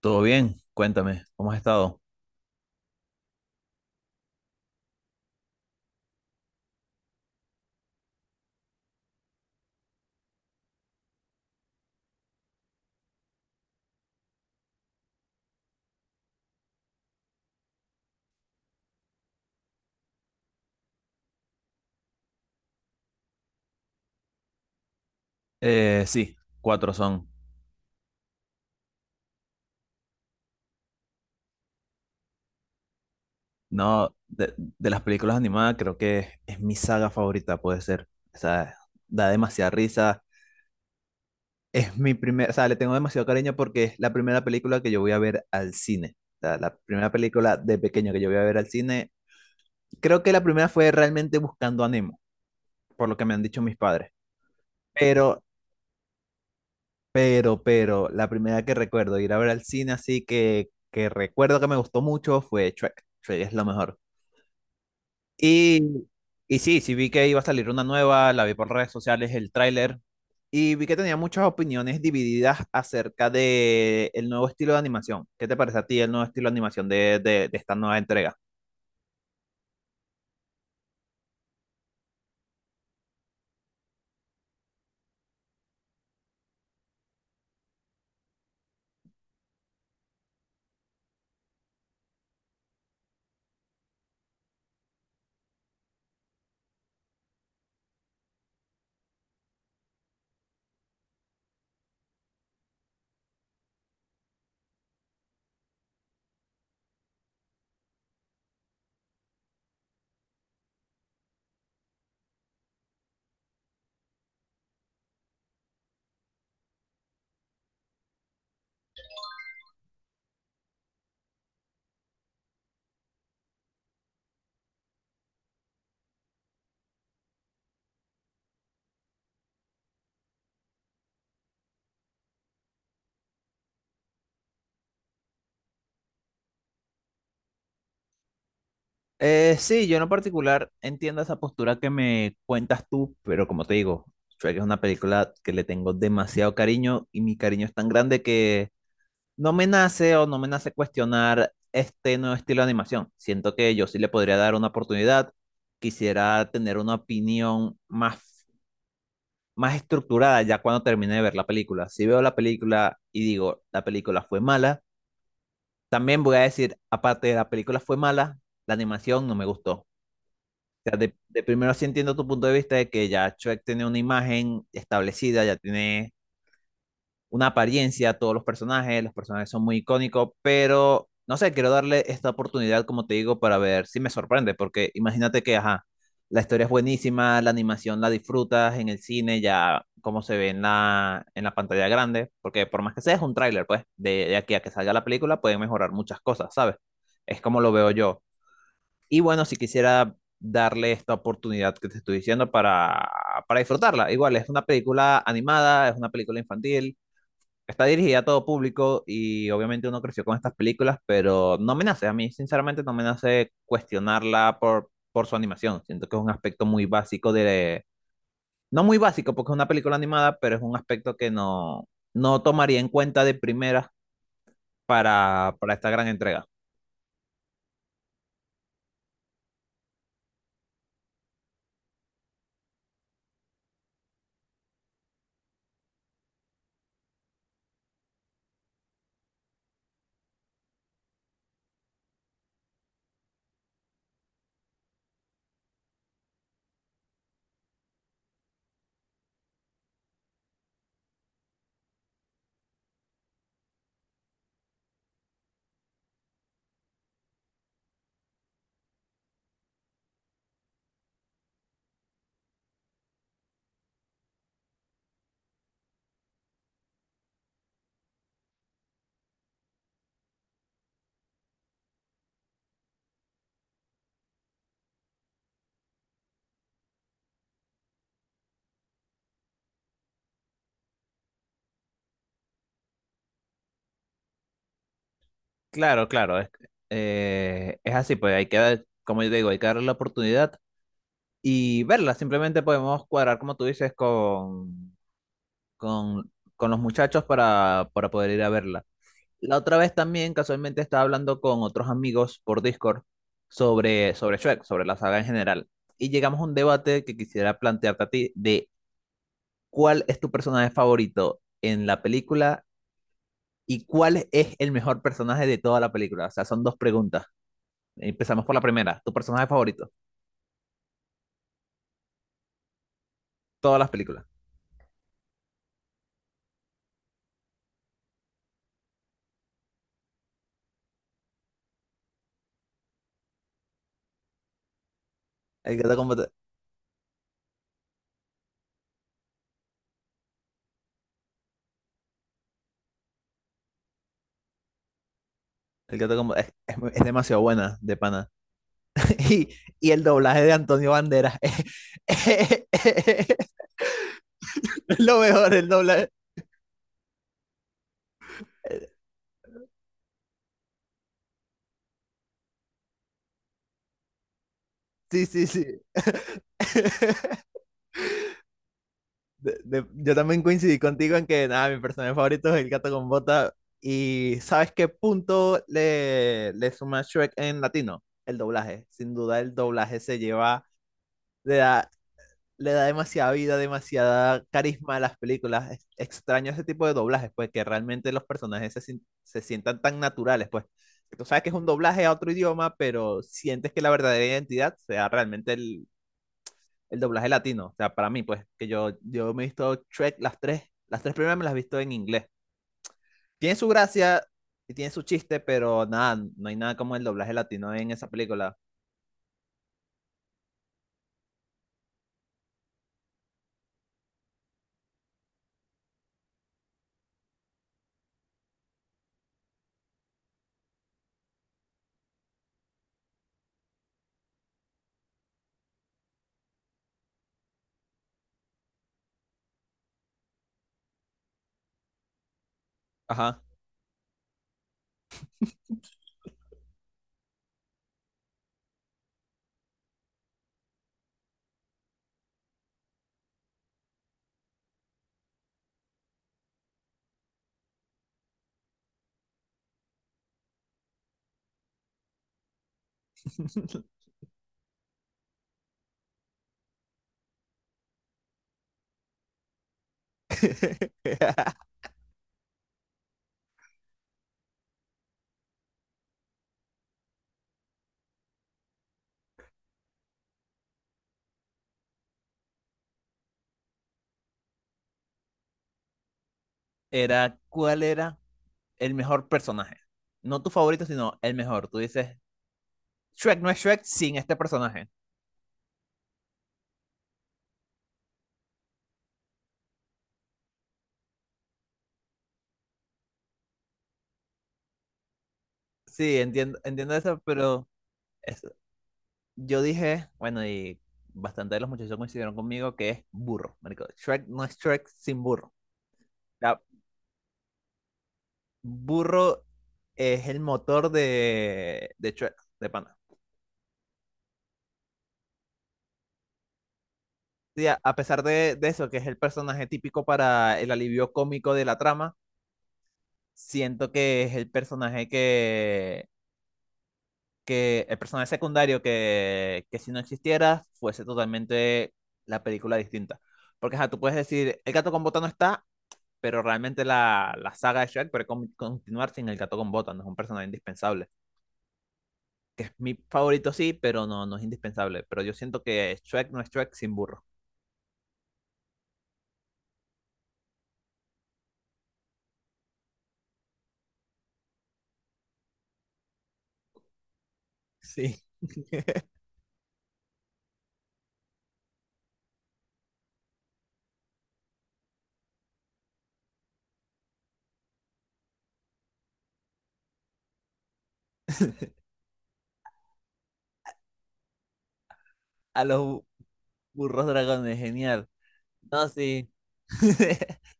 ¿Todo bien? Cuéntame, ¿cómo has estado? Sí, cuatro son. No, de las películas animadas creo que es mi saga favorita, puede ser. O sea, da demasiada risa. Es mi primera, o sea, le tengo demasiado cariño porque es la primera película que yo voy a ver al cine. O sea, la primera película de pequeño que yo voy a ver al cine. Creo que la primera fue realmente Buscando a Nemo, por lo que me han dicho mis padres. Pero pero, la primera que recuerdo ir a ver al cine, así que recuerdo que me gustó mucho, fue Shrek. Shrek es lo mejor. Y, y sí vi que iba a salir una nueva, la vi por redes sociales, el tráiler, y vi que tenía muchas opiniones divididas acerca de el nuevo estilo de animación. ¿Qué te parece a ti el nuevo estilo de animación de, de esta nueva entrega? Sí, yo en lo particular entiendo esa postura que me cuentas tú, pero como te digo, Shrek es una película que le tengo demasiado cariño y mi cariño es tan grande que no me nace o no me nace cuestionar este nuevo estilo de animación. Siento que yo sí le podría dar una oportunidad. Quisiera tener una opinión más estructurada ya cuando termine de ver la película. Si veo la película y digo, la película fue mala, también voy a decir, aparte de la película fue mala, la animación no me gustó. O sea, de primero sí entiendo tu punto de vista de que ya Shrek tiene una imagen establecida, ya tiene una apariencia todos los personajes son muy icónicos, pero no sé, quiero darle esta oportunidad, como te digo, para ver si me sorprende, porque imagínate que, ajá, la historia es buenísima, la animación la disfrutas en el cine, ya como se ve en la pantalla grande, porque por más que sea es un tráiler, pues, de, aquí a que salga la película pueden mejorar muchas cosas, ¿sabes? Es como lo veo yo. Y bueno, si quisiera darle esta oportunidad que te estoy diciendo para disfrutarla. Igual, es una película animada, es una película infantil, está dirigida a todo público y obviamente uno creció con estas películas, pero no me nace, a mí sinceramente no me nace cuestionarla por, su animación. Siento que es un aspecto muy básico de... No muy básico porque es una película animada, pero es un aspecto que no, no tomaría en cuenta de primera para esta gran entrega. Claro, claro, es así, pues hay que dar, como yo digo, hay que darle la oportunidad y verla. Simplemente podemos cuadrar, como tú dices, con, los muchachos para poder ir a verla. La otra vez también casualmente estaba hablando con otros amigos por Discord sobre Shrek, sobre la saga en general. Y llegamos a un debate que quisiera plantearte a ti de cuál es tu personaje favorito en la película y cuál es el mejor personaje de toda la película. O sea, son dos preguntas. Empezamos por la primera. ¿Tu personaje favorito? Todas las películas. El gato con bota- el gato con bo- Es demasiado buena, de pana. Y, el doblaje de Antonio Banderas. Es lo mejor, el doblaje. Sí, sí, sí. Yo también coincidí contigo en que nada, mi personaje favorito es el gato con bota. ¿Y sabes qué punto le suma Shrek en latino? El doblaje. Sin duda el doblaje se lleva, le da, le da demasiada vida, demasiada carisma a las películas. Extraño ese tipo de doblajes, pues que realmente los personajes se, sin- se sientan tan naturales, pues. Tú sabes que es un doblaje a otro idioma, pero sientes que la verdadera identidad sea realmente el doblaje latino. O sea, para mí, pues, que yo, me he visto Shrek las tres primeras me las he visto en inglés. Tiene su gracia y tiene su chiste, pero nada, no hay nada como el doblaje latino en esa película. Ajá. Era, ¿cuál era el mejor personaje? No tu favorito, sino el mejor. Tú dices, Shrek no es Shrek sin este personaje. Sí, entiendo, entiendo eso, pero es- yo dije, bueno, y bastante de los muchachos coincidieron conmigo que es burro, marico. Shrek no es Shrek sin burro. La, Burro es el motor de Shrek, de pana. Sí, a pesar de eso, que es el personaje típico para el alivio cómico de la trama, siento que es el personaje que el personaje secundario que si no existiera fuese totalmente la película distinta. Porque ajá, tú puedes decir, el gato con bota no está, pero realmente la, la saga de Shrek puede continuar sin el gato con bota, no es un personaje indispensable. Mi favorito sí, pero no, no es indispensable. Pero yo siento que Shrek no es Shrek sin burro. Sí. A los burros dragones, genial. No, sí.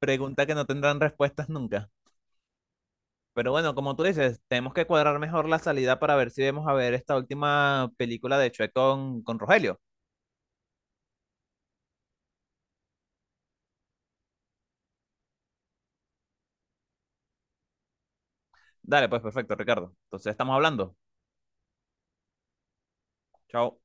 Pregunta que no tendrán respuestas nunca. Pero bueno, como tú dices, tenemos que cuadrar mejor la salida para ver si vamos a ver esta última película de Shrek con Rogelio. Dale, pues perfecto, Ricardo. Entonces estamos hablando. Chao.